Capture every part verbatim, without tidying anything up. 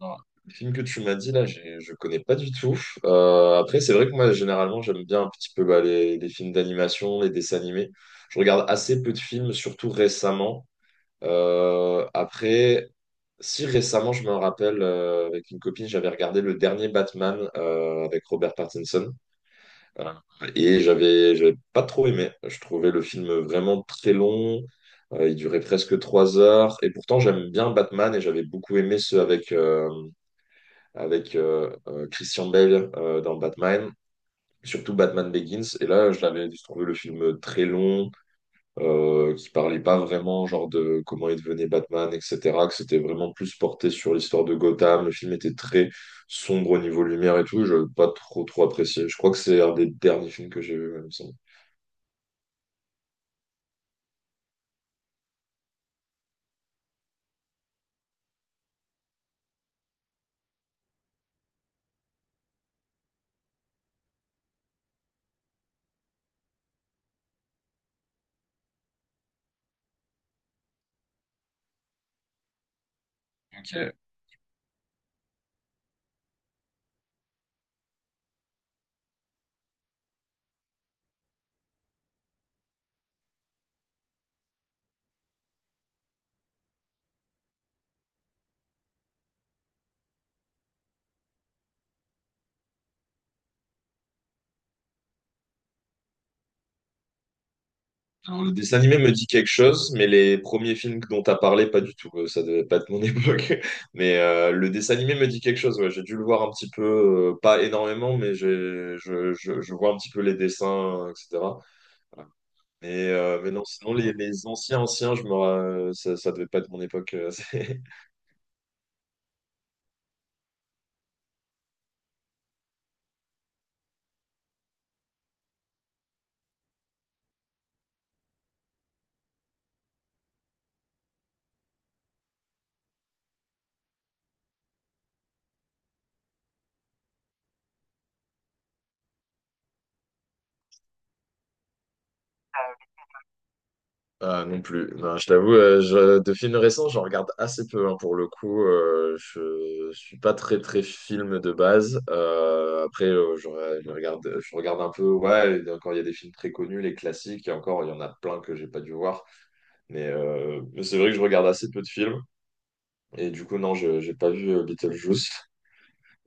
Non, le film que tu m'as dit là, j'ai- je connais pas du tout. Euh, après, c'est vrai que moi, généralement, j'aime bien un petit peu bah, les, les films d'animation, les dessins animés. Je regarde assez peu de films, surtout récemment. Euh, après, si récemment, je me rappelle, euh, avec une copine, j'avais regardé le dernier Batman euh, avec Robert Pattinson. Euh, et j'avais, j'avais pas trop aimé. Je trouvais le film vraiment très long. Euh, il durait presque trois heures. Et pourtant, j'aime bien Batman et j'avais beaucoup aimé ceux avec. euh, avec euh, euh, Christian Bale euh, dans Batman, surtout Batman Begins. Et là, je l'avais trouvé le film très long, euh, qui parlait pas vraiment genre de comment il devenait Batman, et cetera. Que c'était vraiment plus porté sur l'histoire de Gotham. Le film était très sombre au niveau lumière et tout. Je n'ai pas trop trop apprécié. Je crois que c'est un des derniers films que j'ai vu, il me semble. Ok. Alors, le dessin animé me dit quelque chose, mais les premiers films dont tu as parlé, pas du tout. euh, Ça devait pas être mon époque. Mais euh, le dessin animé me dit quelque chose. Ouais, j'ai dû le voir un petit peu, euh, pas énormément, mais j'ai- je, je, je vois un petit peu les dessins, euh, et cetera. Mais, euh, mais non, sinon, les, les anciens, anciens, je me, ra- ça, ça devait pas être mon époque. euh, Ah, non plus. Non, je t'avoue, euh, je- de films récents, j'en regarde assez peu, hein, pour le coup. euh, je je suis pas très très film de base. Euh, après, euh, je, je regarde, je regarde un peu. Ouais, et encore il y a des films très connus, les classiques. Et encore, il y en a plein que j'ai pas dû voir. Mais, euh, mais c'est vrai que je regarde assez peu de films. Et du coup, non, je j'ai pas vu euh, Beetlejuice.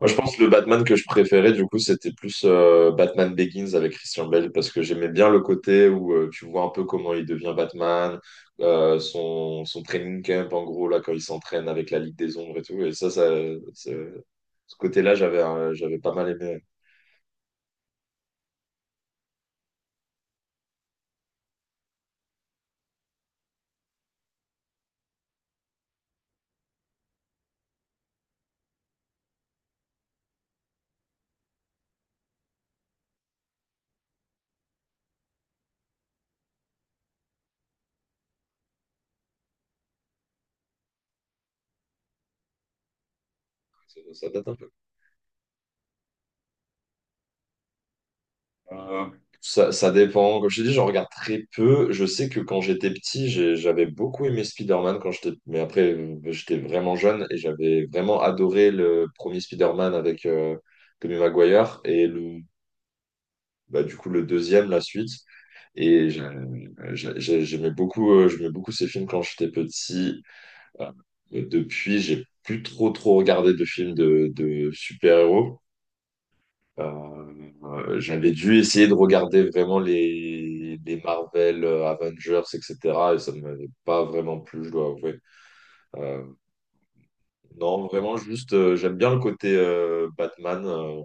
Moi, je pense que le Batman que je préférais, du coup, c'était plus euh, Batman Begins avec Christian Bale, parce que j'aimais bien le côté où euh, tu vois un peu comment il devient Batman, euh, son, son training camp, en gros, là, quand il s'entraîne avec la Ligue des Ombres et tout. Et ça, ça, ce ce côté-là, j'avais, euh, j'avais pas mal aimé. Ça, ça date un peu. Euh, ça, ça dépend. Comme je t'ai dit, j'en regarde très peu. Je sais que quand j'étais petit, j'ai- j'avais beaucoup aimé Spider-Man quand j'étais, mais après, euh, j'étais vraiment jeune et j'avais vraiment adoré le premier Spider-Man avec euh, Tobey Maguire et le, bah, du coup, le deuxième, la suite. Et j'a- j'a- j'a- j'aimais beaucoup, euh, j'aimais beaucoup ces films quand j'étais petit. Euh, Depuis, j'ai plus trop trop regardé de films de, de super-héros. Euh, euh, J'avais dû essayer de regarder vraiment les, les Marvel, euh, Avengers, et cetera. Et ça ne m'avait pas vraiment plu, je dois avouer. Euh, non, vraiment, juste, euh, j'aime bien le côté euh, Batman, euh,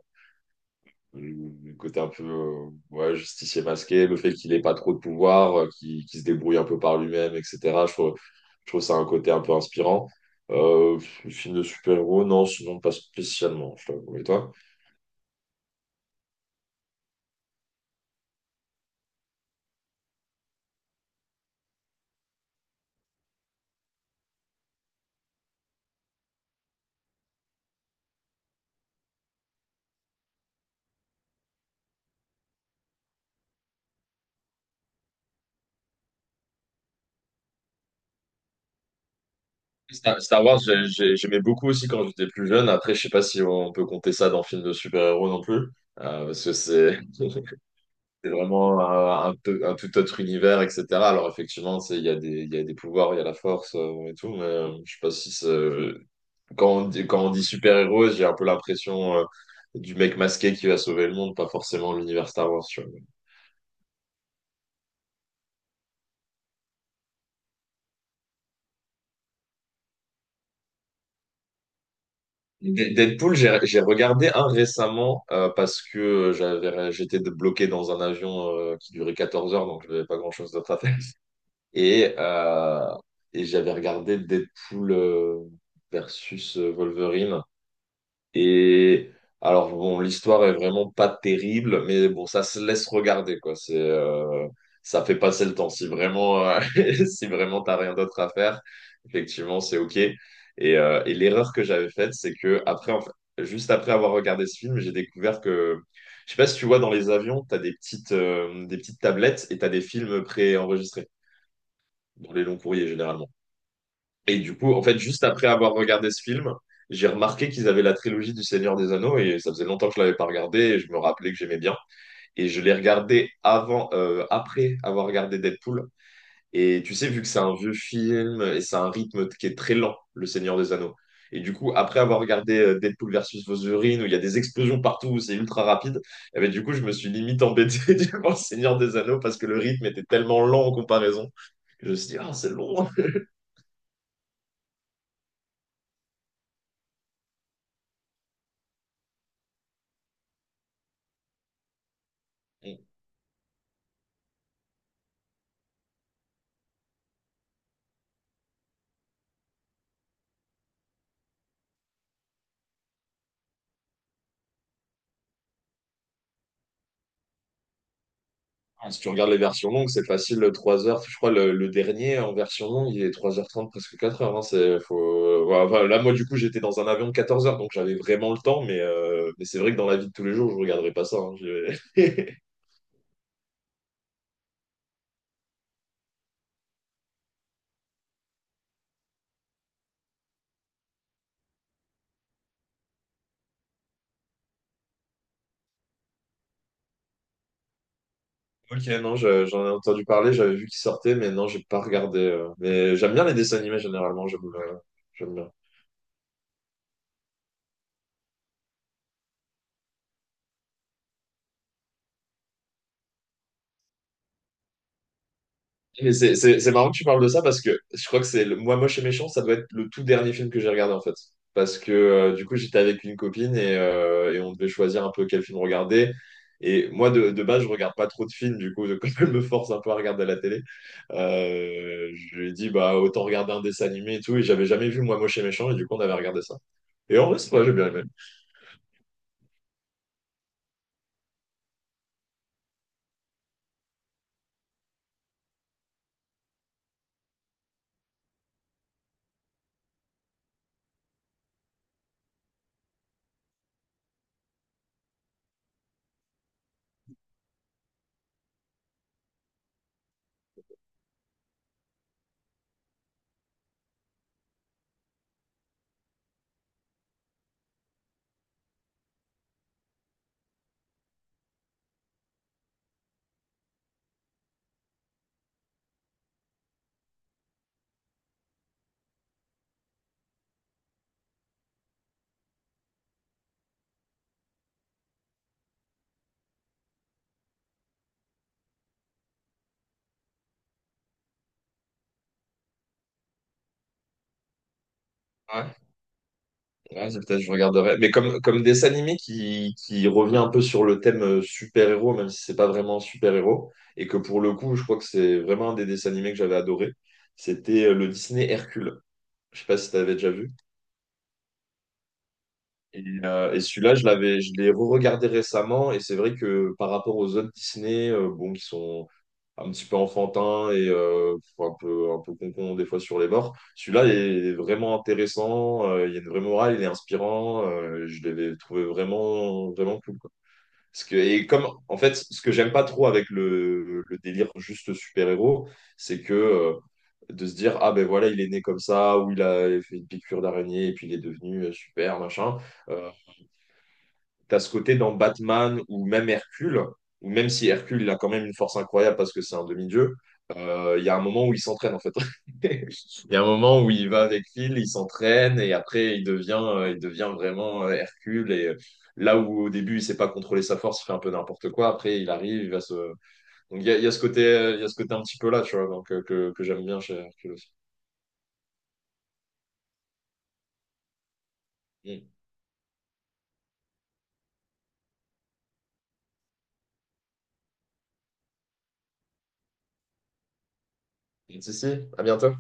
le côté un peu euh, ouais, justicier masqué, le fait qu'il n'ait pas trop de pouvoir, euh, qu'il qu'il se débrouille un peu par lui-même, et cetera. Je trouve, je trouve ça un côté un peu inspirant. Euh, film de super-héros, non, sinon pas spécialement, je t'avoue. Et toi? Star, Star Wars, j'ai- j'ai- j'aimais beaucoup aussi quand j'étais plus jeune. Après, je sais pas si on peut compter ça dans film de super-héros non plus, euh, parce que c'est c'est vraiment un, un peu- un tout autre univers, et cetera. Alors effectivement, c'est- il y a des, il y a des pouvoirs, il y a la force euh, et tout, mais euh, je sais pas si c'est. Quand on dit, quand on dit super-héros, j'ai un peu l'impression euh, du mec masqué qui va sauver le monde, pas forcément l'univers Star Wars. D- Deadpool, j'ai j'ai regardé un récemment euh, parce que j'avais j'étais de- bloqué dans un avion euh, qui durait 14 heures, donc je n'avais pas grand-chose d'autre à faire. Et, euh, et j'avais regardé Deadpool euh, versus euh, Wolverine. Et alors, bon, l'histoire est vraiment pas terrible, mais bon, ça se laisse regarder, quoi. C'est, euh, ça fait passer le temps. Si vraiment, euh, si vraiment t'as rien d'autre à faire, effectivement, c'est OK. Et, euh, et l'erreur que j'avais faite, c'est que après, en fait, juste après avoir regardé ce film, j'ai découvert que, je sais pas si tu vois, dans les avions, t'as des petites, euh, des petites tablettes et t'as des films préenregistrés dans les longs courriers, généralement. Et du coup, en fait, juste après avoir regardé ce film, j'ai remarqué qu'ils avaient la trilogie du Seigneur des Anneaux et ça faisait longtemps que je l'avais pas regardé et je me rappelais que j'aimais bien. Et je l'ai regardé avant, euh, après avoir regardé Deadpool. Et tu sais, vu que c'est un vieux film et c'est un rythme qui est très lent, le Seigneur des Anneaux. Et du coup, après avoir regardé euh, Deadpool versus Wolverine, où il y a des explosions partout, où c'est ultra rapide, eh ben, du coup, je me suis limite embêté devant le Seigneur des Anneaux parce que le rythme était tellement lent en comparaison, que je me suis dit, ah, c'est long. Ah, si tu regardes les versions longues, c'est facile, le trois heures. Je crois le, le dernier en version longue, il est trois heures trente presque quatre heures, hein. C'est, faut... voilà, enfin, là, moi, du coup, j'étais dans un avion de quatorze heures, donc j'avais vraiment le temps. Mais, euh, mais c'est vrai que dans la vie de tous les jours, je ne regarderai pas ça, hein. Je- Ok, non, je- j'en ai entendu parler, j'avais vu qu'il sortait, mais non, j'ai pas regardé. euh. Mais j'aime bien les dessins animés généralement. J'aime euh, j'aime bien. Mais c'est c'est- c'est marrant que tu parles de ça parce que je crois que c'est le, moi moche et méchant, ça doit être le tout dernier film que j'ai regardé en fait. Parce que euh, du coup j'étais avec une copine et, euh, et on devait choisir un peu quel film regarder. Et moi de, de base je regarde pas trop de films du coup quand elle me force un peu à regarder à la télé, euh, je lui ai dit bah autant regarder un dessin animé et tout et j'avais jamais vu moi moche et méchant et du coup on avait regardé ça. Et en vrai c'est vrai j'ai bien aimé. Ouais, c'est peut-être, je regarderai. Mais comme, comme dessin animé qui, qui revient un peu sur le thème euh, super-héros, même si c'est pas vraiment un super-héros, et que pour le coup, je crois que c'est vraiment un des dessins animés que j'avais adoré, c'était euh, le Disney Hercule. Je sais pas si tu avais déjà vu. Et, euh, et celui-là, je l'avais, je l'ai re-regardé récemment, et c'est vrai que par rapport aux autres Disney, euh, bon, qui sont un petit peu enfantins et euh, un peu, un peu concons des fois sur les bords, celui-là est vraiment intéressant, euh, il y a une vraie morale, il est inspirant, euh, je l'avais trouvé vraiment, vraiment cool, quoi. Parce que, et comme, en fait, ce que j'aime pas trop avec le, le délire juste super-héros, c'est que euh, de se dire, ah ben voilà, il est né comme ça, ou il a fait une piqûre d'araignée, et puis il est devenu euh, super, machin. euh, T'as ce côté dans Batman ou même Hercule, ou même si Hercule, il a quand même une force incroyable parce que c'est un demi-dieu, euh, il y a un moment où il s'entraîne en fait. Il y a un moment où il va avec Phil, il s'entraîne et après il devient, euh, il devient vraiment euh, Hercule. Et euh, là où au début il sait pas contrôler sa force, il fait un peu n'importe quoi, après il arrive, il va se. Donc il y a, il y a ce côté, euh, il y a ce côté un petit peu là, tu vois, donc, euh, que, que j'aime bien chez Hercule aussi. Mm. Mm, si, si, à bientôt.